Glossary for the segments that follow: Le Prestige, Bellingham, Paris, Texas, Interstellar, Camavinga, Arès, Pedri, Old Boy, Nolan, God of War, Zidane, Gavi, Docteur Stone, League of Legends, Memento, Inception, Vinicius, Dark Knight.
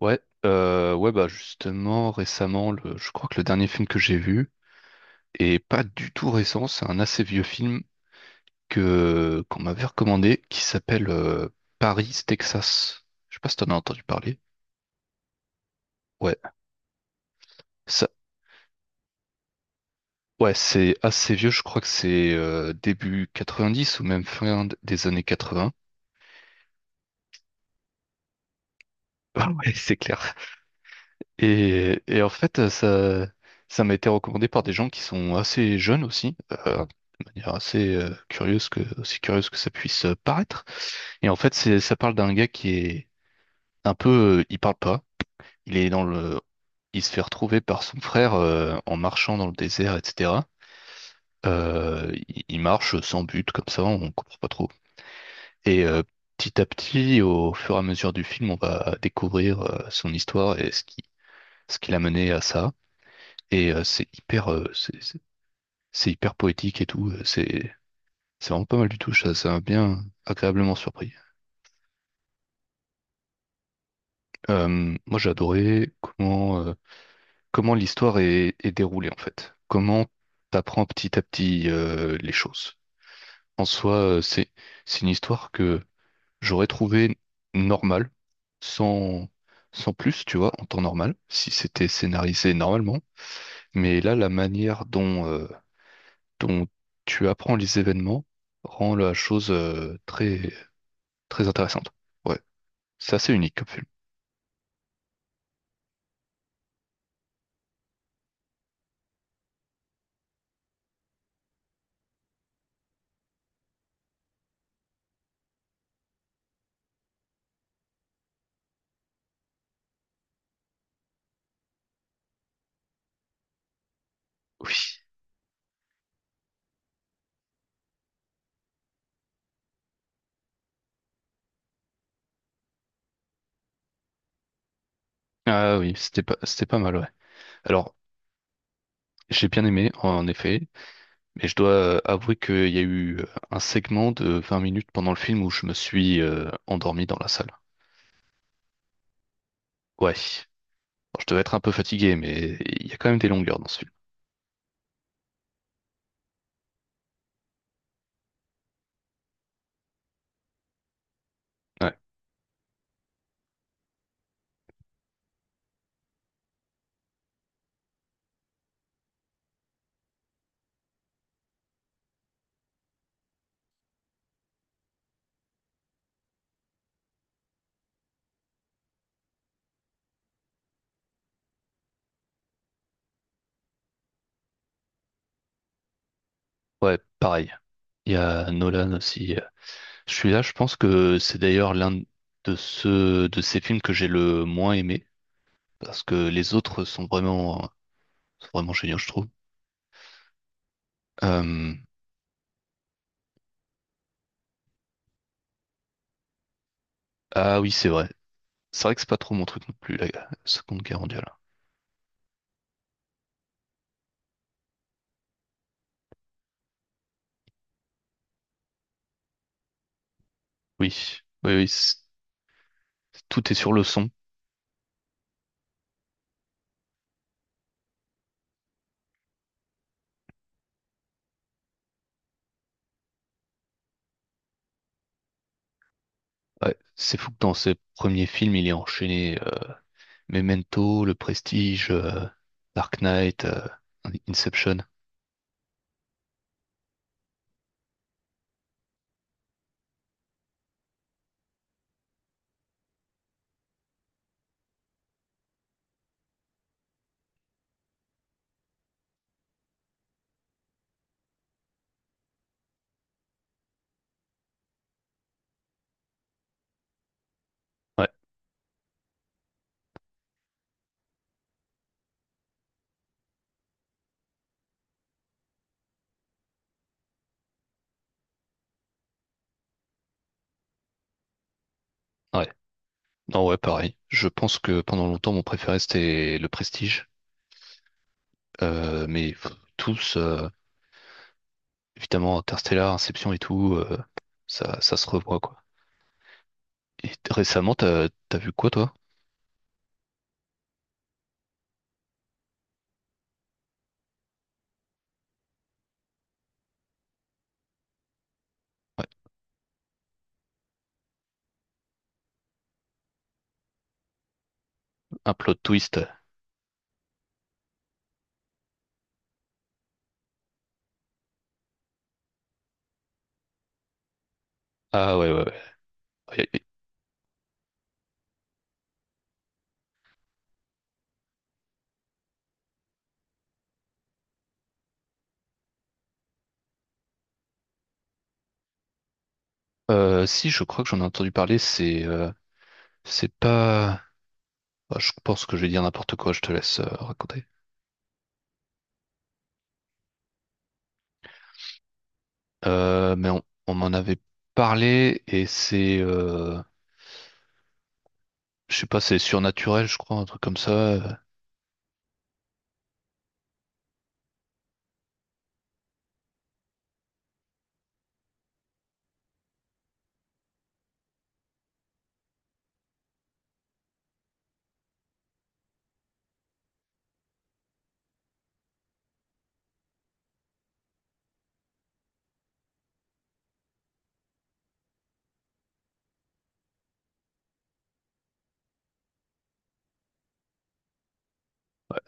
Ouais, ouais, bah justement, récemment, je crois que le dernier film que j'ai vu, et pas du tout récent, c'est un assez vieux film que qu'on m'avait recommandé, qui s'appelle Paris, Texas. Je sais pas si t'en as entendu parler. Ouais, ça, ouais, c'est assez vieux, je crois que c'est début 90 ou même des années 80. Ah ouais, c'est clair. Et en fait, ça, ça m'a été recommandé par des gens qui sont assez jeunes aussi, euh, de manière assez curieuse aussi curieuse que ça puisse paraître. Et en fait, ça parle d'un gars qui est un peu, il parle pas, il est il se fait retrouver par son frère en marchant dans le désert, etc. Il marche sans but comme ça, on comprend pas trop. Et euh, petit à petit, au fur et à mesure du film, on va découvrir son histoire et ce qui l'a mené à ça. Et c'est hyper, c'est hyper poétique et tout. C'est vraiment pas mal du tout. Ça m'a bien agréablement surpris. Moi, j'ai adoré comment comment l'histoire est déroulée en fait. Comment t'apprends petit à petit les choses. En soi, c'est une histoire que j'aurais trouvé normale, sans sans plus, tu vois, en temps normal, si c'était scénarisé normalement. Mais là, la manière dont dont tu apprends les événements rend la chose très très intéressante. Ouais, c'est assez unique comme film. Oui. Ah oui, c'était pas, c'était pas mal, ouais. Alors, j'ai bien aimé en effet, mais je dois avouer qu'il y a eu un segment de 20 minutes pendant le film où je me suis endormi dans la salle. Ouais. Bon, je devais être un peu fatigué, mais il y a quand même des longueurs dans ce film. Ouais. Ouais, pareil. Il y a Nolan aussi. Je suis là, je pense que c'est d'ailleurs l'un de ceux de ces films que j'ai le moins aimé, parce que les autres sont sont vraiment géniaux, je trouve. Euh, ah oui, c'est vrai. C'est vrai que c'est pas trop mon truc non plus, la Seconde Guerre mondiale. Oui, oui, oui, tout est sur le son. Ouais, c'est fou que dans ses premiers films, il est enchaîné Memento, Le Prestige, Dark Knight, Inception. Ouais, ouais. Non, ouais, pareil. Je pense que pendant longtemps, mon préféré, c'était Le Prestige. Mais pff, tous, évidemment, Interstellar, Inception et tout, ça, ça se revoit, quoi. Et récemment, t'as vu quoi, toi? Ouais. Un plot twist. Ah ouais, ouais, ouais. Si, je crois que j'en ai entendu parler, c'est pas... Ah, je pense que je vais dire n'importe quoi, je te laisse raconter. Euh, mais on, on m'en avait parlé et c'est... je sais pas, c'est surnaturel, je crois, un truc comme ça. Ouais,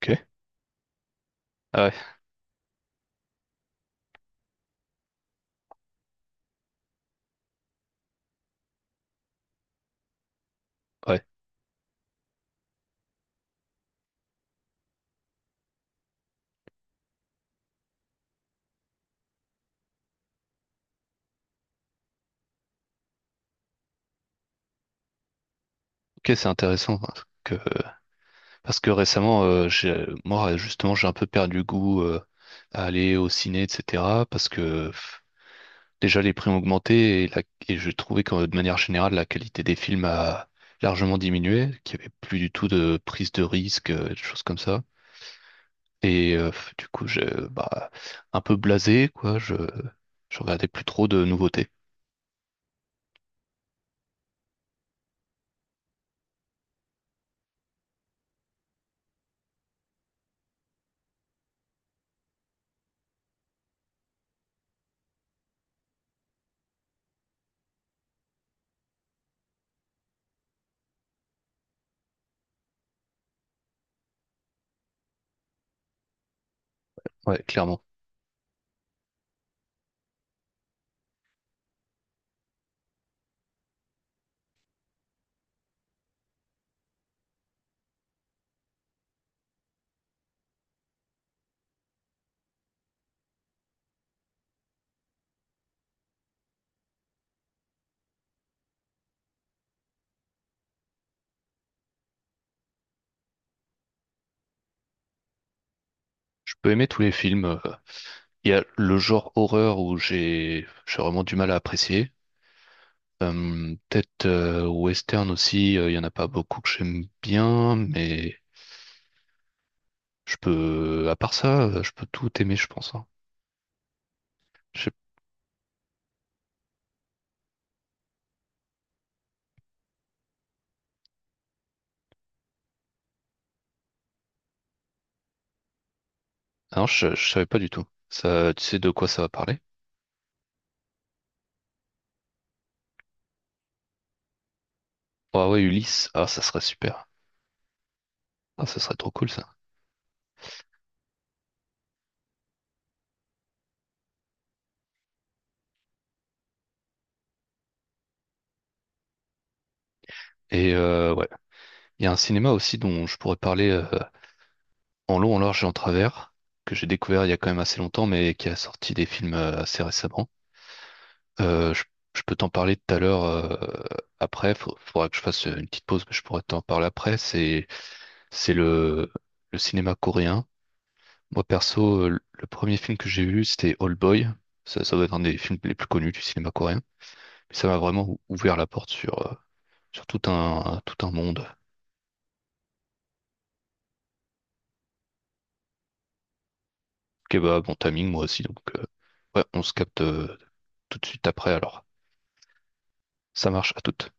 ok. Ah ouais, ouais. Ok, c'est intéressant, hein. Que, parce que récemment, j'ai, moi, justement, j'ai un peu perdu goût à aller au ciné, etc. Parce que... Déjà, les prix ont augmenté et je trouvais que de manière générale, la qualité des films a largement diminué, qu'il n'y avait plus du tout de prise de risque, des choses comme ça. Et du coup, j'ai bah, un peu blasé, quoi. Je regardais plus trop de nouveautés. Ouais, clairement. Je peux aimer tous les films. Il y a le genre horreur où j'ai vraiment du mal à apprécier. Peut-être western aussi, il y en a pas beaucoup que j'aime bien, mais je peux, à part ça, je peux tout aimer, je pense, hein. Je sais- Ah non, je savais pas du tout. Ça, tu sais de quoi ça va parler? Ah ouais, Ulysse, ah ça serait super. Ah ça serait trop cool ça. Et ouais, il y a un cinéma aussi dont je pourrais parler en long, en large et en travers, que j'ai découvert il y a quand même assez longtemps, mais qui a sorti des films assez récemment. Euh, je, je peux t'en parler tout à l'heure après. Il faudra que je fasse une petite pause, mais je pourrais t'en parler après. C'est le, le cinéma coréen. Moi, perso, le premier film que j'ai vu, c'était Old Boy. Ça doit être un des films les plus connus du cinéma coréen. Mais ça m'a vraiment ouvert la porte sur, sur tout un monde. Ok, bah, bon timing, moi aussi. Donc, ouais, on se capte tout de suite après. Alors, ça marche, à toute.